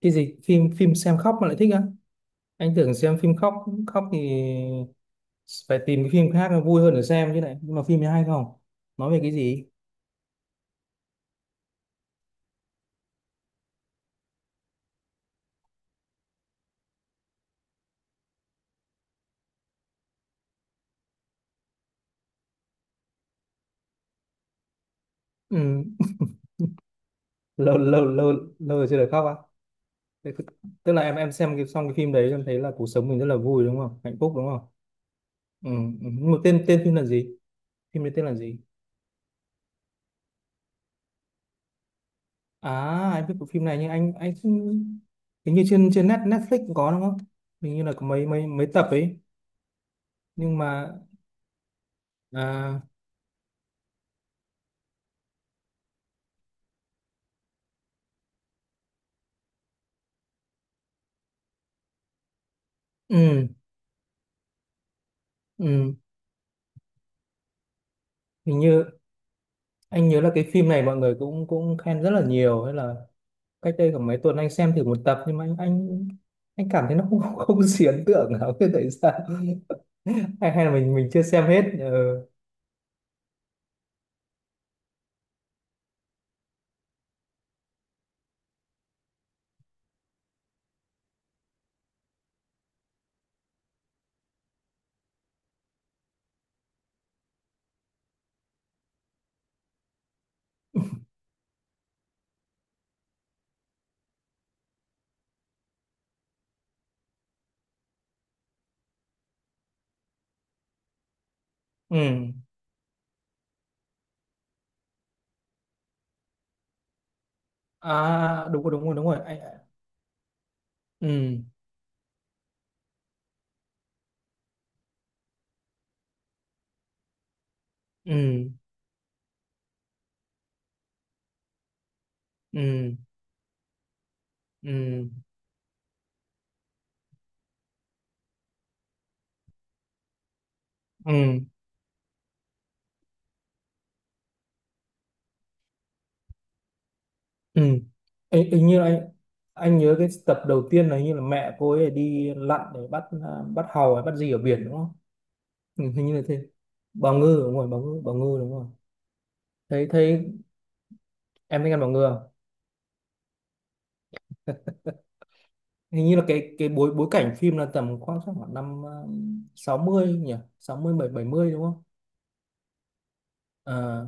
Cái gì? Phim phim xem khóc mà lại thích á? Anh tưởng xem phim khóc, khóc thì phải tìm cái phim khác nó vui hơn để xem chứ. Này, nhưng mà phim này hay không? Nói về cái gì? Ừ. Lâu lâu rồi chưa được khóc á? Thế tức là em xem cái, xong cái phim đấy em thấy là cuộc sống mình rất là vui đúng không, hạnh phúc đúng không? Ừ. Ừ. Nhưng mà tên tên phim là gì? Phim đấy tên là gì? À, anh biết bộ phim này nhưng anh không- hình như trên trên Netflix cũng có đúng không? Hình như là có mấy mấy mấy tập ấy. Nhưng mà, à, ừ. Ừ, hình như anh nhớ là cái phim này mọi người cũng cũng khen rất là nhiều, hay là cách đây khoảng mấy tuần anh xem thử một tập nhưng mà anh cảm thấy nó không không, không gì ấn tượng lắm. Thế tại sao? Hay hay là mình chưa xem hết? Ừ. Ừ. À, đúng rồi, đúng rồi, đúng rồi anh. Ừ. Ừ. Ừ. Ừ. Ừ. Ừ. Ê, hình như là anh nhớ cái tập đầu tiên là hình như là mẹ cô ấy đi lặn để bắt, bắt hàu hay bắt gì ở biển đúng không? Ừ, hình như là thế. Bào ngư, đúng rồi, bào ngư, bào ngư, đúng rồi. Thấy thấy, em thấy ăn bằng ngừa. Hình như là cái bối bối cảnh phim là tầm khoảng chắc khoảng năm 60 nhỉ? Sáu mươi bảy, bảy mươi đúng không? À,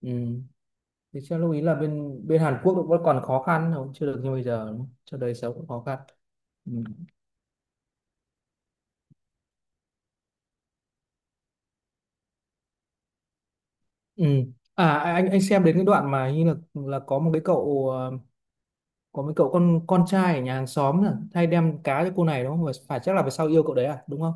ừ. Thì chắc lưu ý là bên bên Hàn Quốc vẫn còn khó khăn, không, chưa được như bây giờ đúng không? Cho đời sống cũng khó khăn. Ừ. Ừ. À à, anh xem đến cái đoạn mà hình như là có một cái cậu, có mấy cậu con trai ở nhà hàng xóm là hay đem cá cho cô này đúng không? Và phải chắc là về sau yêu cậu đấy à, đúng không?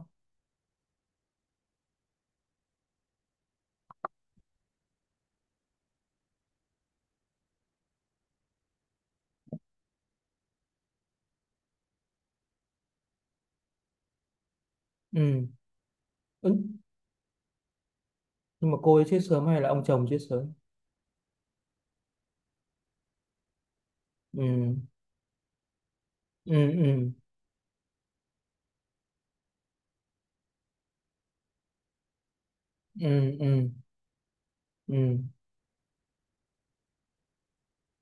Ừ. Ừ. Nhưng mà cô ấy chết sớm hay là ông chồng chết sớm? Ừ. Ừ. Ừ. Ừ. Ừ. Ừ.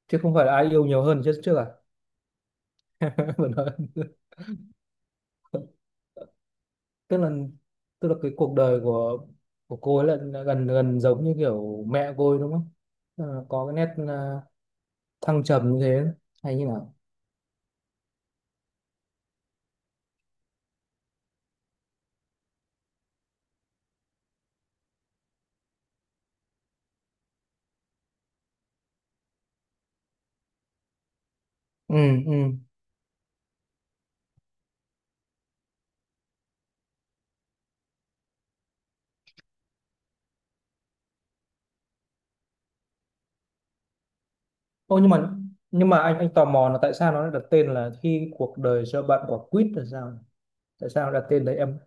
Chứ không phải là ai yêu nhiều hơn trước trước à? Vẫn hơn. Tức là tức là cái cuộc đời của cô ấy là gần gần giống như kiểu mẹ cô ấy đúng không? Ờ, có cái nét, thăng trầm như thế hay như nào? Ừ. Ừ. Ô, nhưng mà anh tò mò là tại sao nó lại đặt tên là Khi Cuộc Đời Cho Bạn Quả Quýt là sao? Tại sao đặt tên đấy em?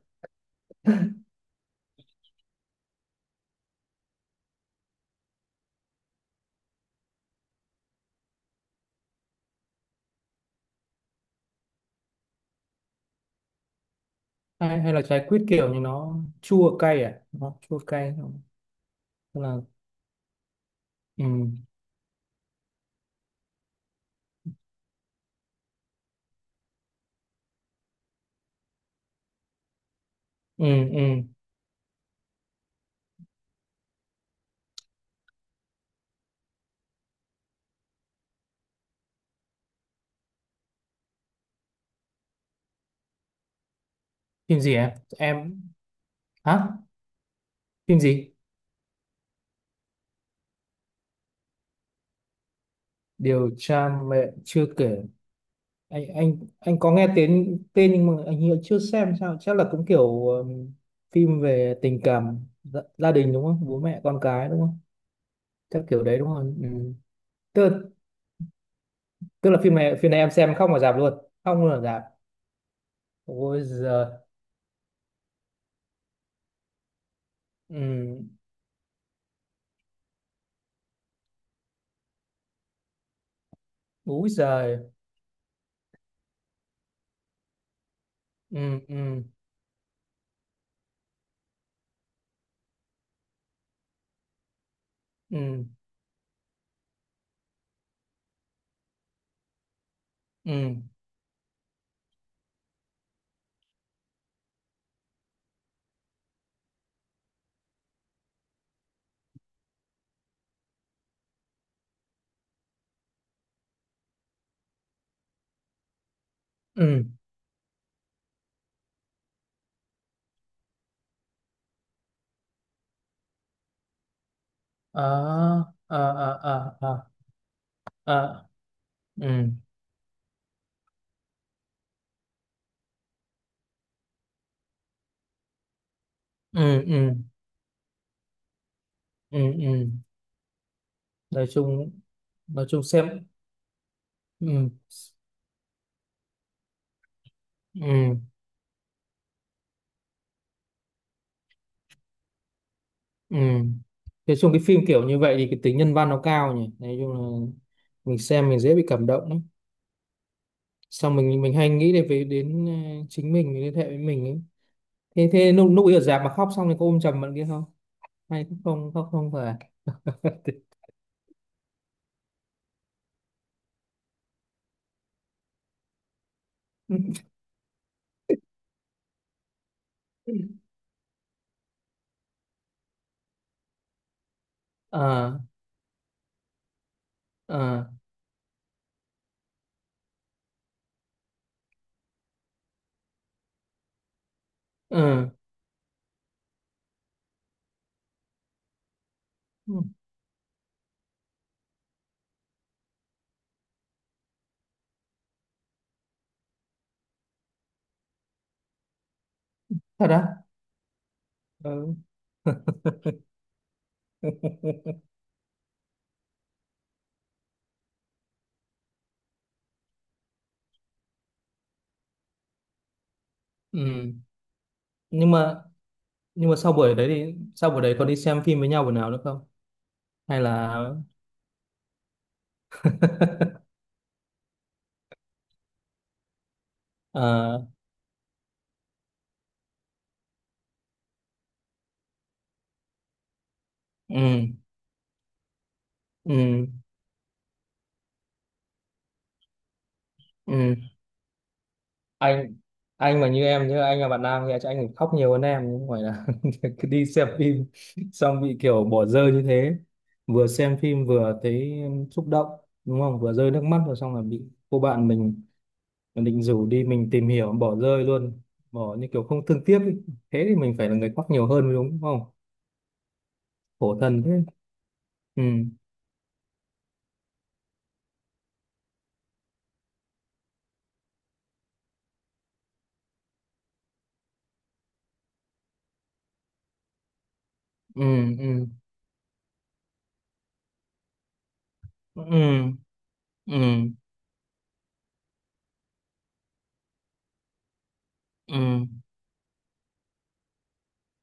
Hay, hay là trái quýt kiểu như nó chua cay à, nó chua cay không? Tức là, ừ, ừ, ừ. Phim gì em? Em? Hả? Phim gì? Điều tra mẹ chưa kể. Anh có nghe tên, tên nhưng mà anh hiện chưa xem sao. Chắc là cũng kiểu phim về tình cảm gia, gia đình đúng không? Bố mẹ con cái đúng không? Chắc kiểu đấy đúng không? Ừ. Tức tức là phim này, phim này em xem không ở rạp luôn. Không luôn ở rạp. Ôi giời. Ừ. Úi giời. Ừ. Ừ. Ừ. Ừ. Ừ. À, à, à, à, à. À. Ừ. Ừ. Ừ. Ừ. Ừ. Nói chung, nói chung xem, ừ, ừ, ừ. Nói chung cái phim kiểu như vậy thì cái tính nhân văn nó cao nhỉ, nói chung là mình xem mình dễ bị cảm động lắm, xong mình hay nghĩ đến về đến, chính mình liên hệ với mình ấy. Thế thế lúc lúc ấy ở rạp mà khóc xong thì có ôm chầm bạn kia không? Hay cũng không, khóc không phải? Ờ. Ờ. Ờ. Thật á? Ừ. Ừ. nhưng mà nhưng mà sau buổi đấy, thì sau buổi đấy có đi xem phim với nhau buổi nào nữa không? Hay là ờ, ừ, ừ, ừ. Anh anh mà như em nhớ, anh là bạn nam thì chắc anh phải khóc nhiều hơn em chứ, không phải là cứ đi xem phim xong bị kiểu bỏ rơi như thế, vừa xem phim vừa thấy xúc động đúng không, vừa rơi nước mắt rồi xong là bị cô bạn mình định rủ đi mình tìm hiểu bỏ rơi luôn, bỏ như kiểu không thương tiếc ấy. Thế thì mình phải là người khóc nhiều hơn mới đúng, đúng không? Khổ thân thế. Ừ. Ừ. Ừ. Ừ. Ừ. Ừ. Ừ.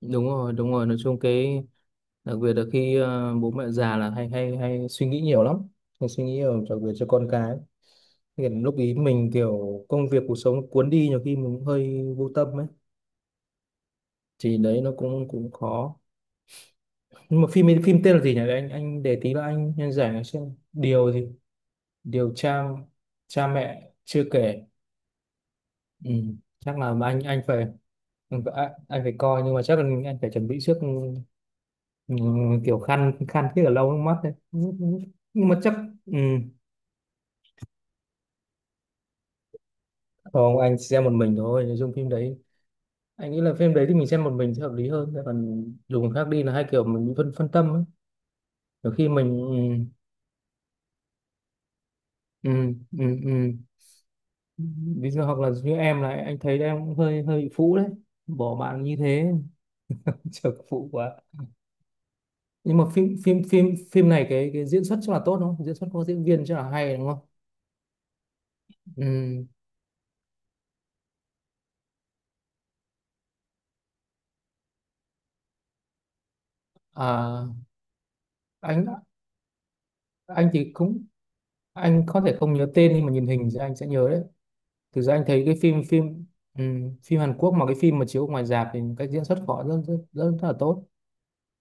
Đúng rồi, đúng rồi, nói chung cái, đặc biệt là khi, bố mẹ già là hay hay hay suy nghĩ nhiều lắm, hay suy nghĩ nhiều, đặc biệt cho con cái. Hiện lúc ý mình kiểu công việc cuộc sống cuốn đi nhiều khi mình cũng hơi vô tâm ấy, thì đấy nó cũng cũng khó. Nhưng mà phim ấy, phim tên là gì nhỉ? Để anh để tí là anh nhân giải nó xem. Điều gì? Điều cha, cha mẹ chưa kể. Ừ. Chắc là mà anh phải, anh phải coi nhưng mà chắc là anh phải chuẩn bị trước, ừ, ừ, kiểu khăn khăn thiết ở lâu nước mắt đấy. Nhưng mà chắc, ừ. Không, anh chỉ xem một mình thôi nội dung phim đấy. Anh nghĩ là phim đấy thì mình xem một mình sẽ hợp lý hơn, còn dù người khác đi là hai kiểu mình bị phân phân tâm ấy. Nhiều khi mình, ừ, ừ, ừ, ừ. Ví dụ hoặc là như em là anh thấy em cũng hơi hơi bị phũ đấy, bỏ bạn như thế trở phụ quá. Nhưng mà phim phim phim phim này cái diễn xuất chắc là tốt đúng không, diễn xuất của diễn viên chắc là hay đúng không? Ừ. À, anh thì cũng có thể không nhớ tên nhưng mà nhìn hình thì anh sẽ nhớ đấy. Thực ra anh thấy cái phim phim phim Hàn Quốc mà cái phim mà chiếu ngoài rạp thì cách diễn xuất của họ rất, rất là tốt.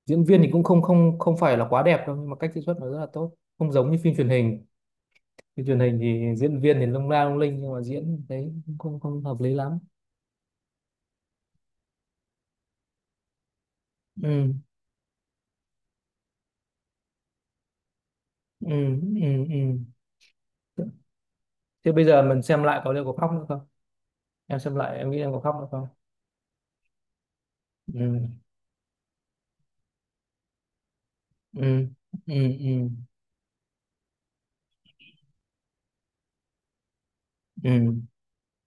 Diễn viên thì cũng không không không phải là quá đẹp đâu nhưng mà cách diễn xuất nó rất là tốt, không giống như phim truyền hình. Phim truyền hình thì diễn viên thì lung la lung linh nhưng mà diễn thấy cũng không không hợp lý lắm. Ừ. Ừ. Ừ. Ừ. Thế bây giờ mình xem lại có liệu có khóc nữa không? Em xem lại em nghĩ em có khóc nữa không? Ừ. Ừ. Ừ. Ừ. Ừ.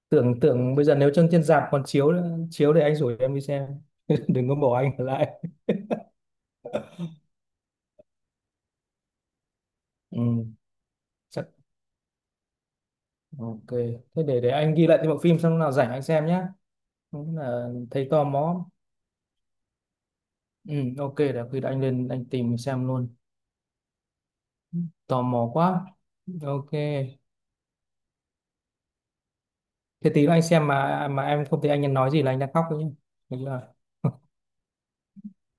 tưởng tưởng bây giờ nếu trên trên rạp còn chiếu nữa, chiếu thì anh rủ em đi xem. Đừng có bỏ anh ở lại. Ừ. Chắc, ok. Thế để anh ghi lại cái bộ phim, xong lúc nào rảnh anh xem nhé. Đúng là thấy tò mò. Ừ, ok, để khi đó anh lên anh tìm xem luôn. Tò mò quá. Ok. Thế tí nữa anh xem mà em không thấy anh nói gì là anh đang khóc đấy nhé, được chưa?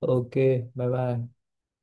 Ok, bye bye.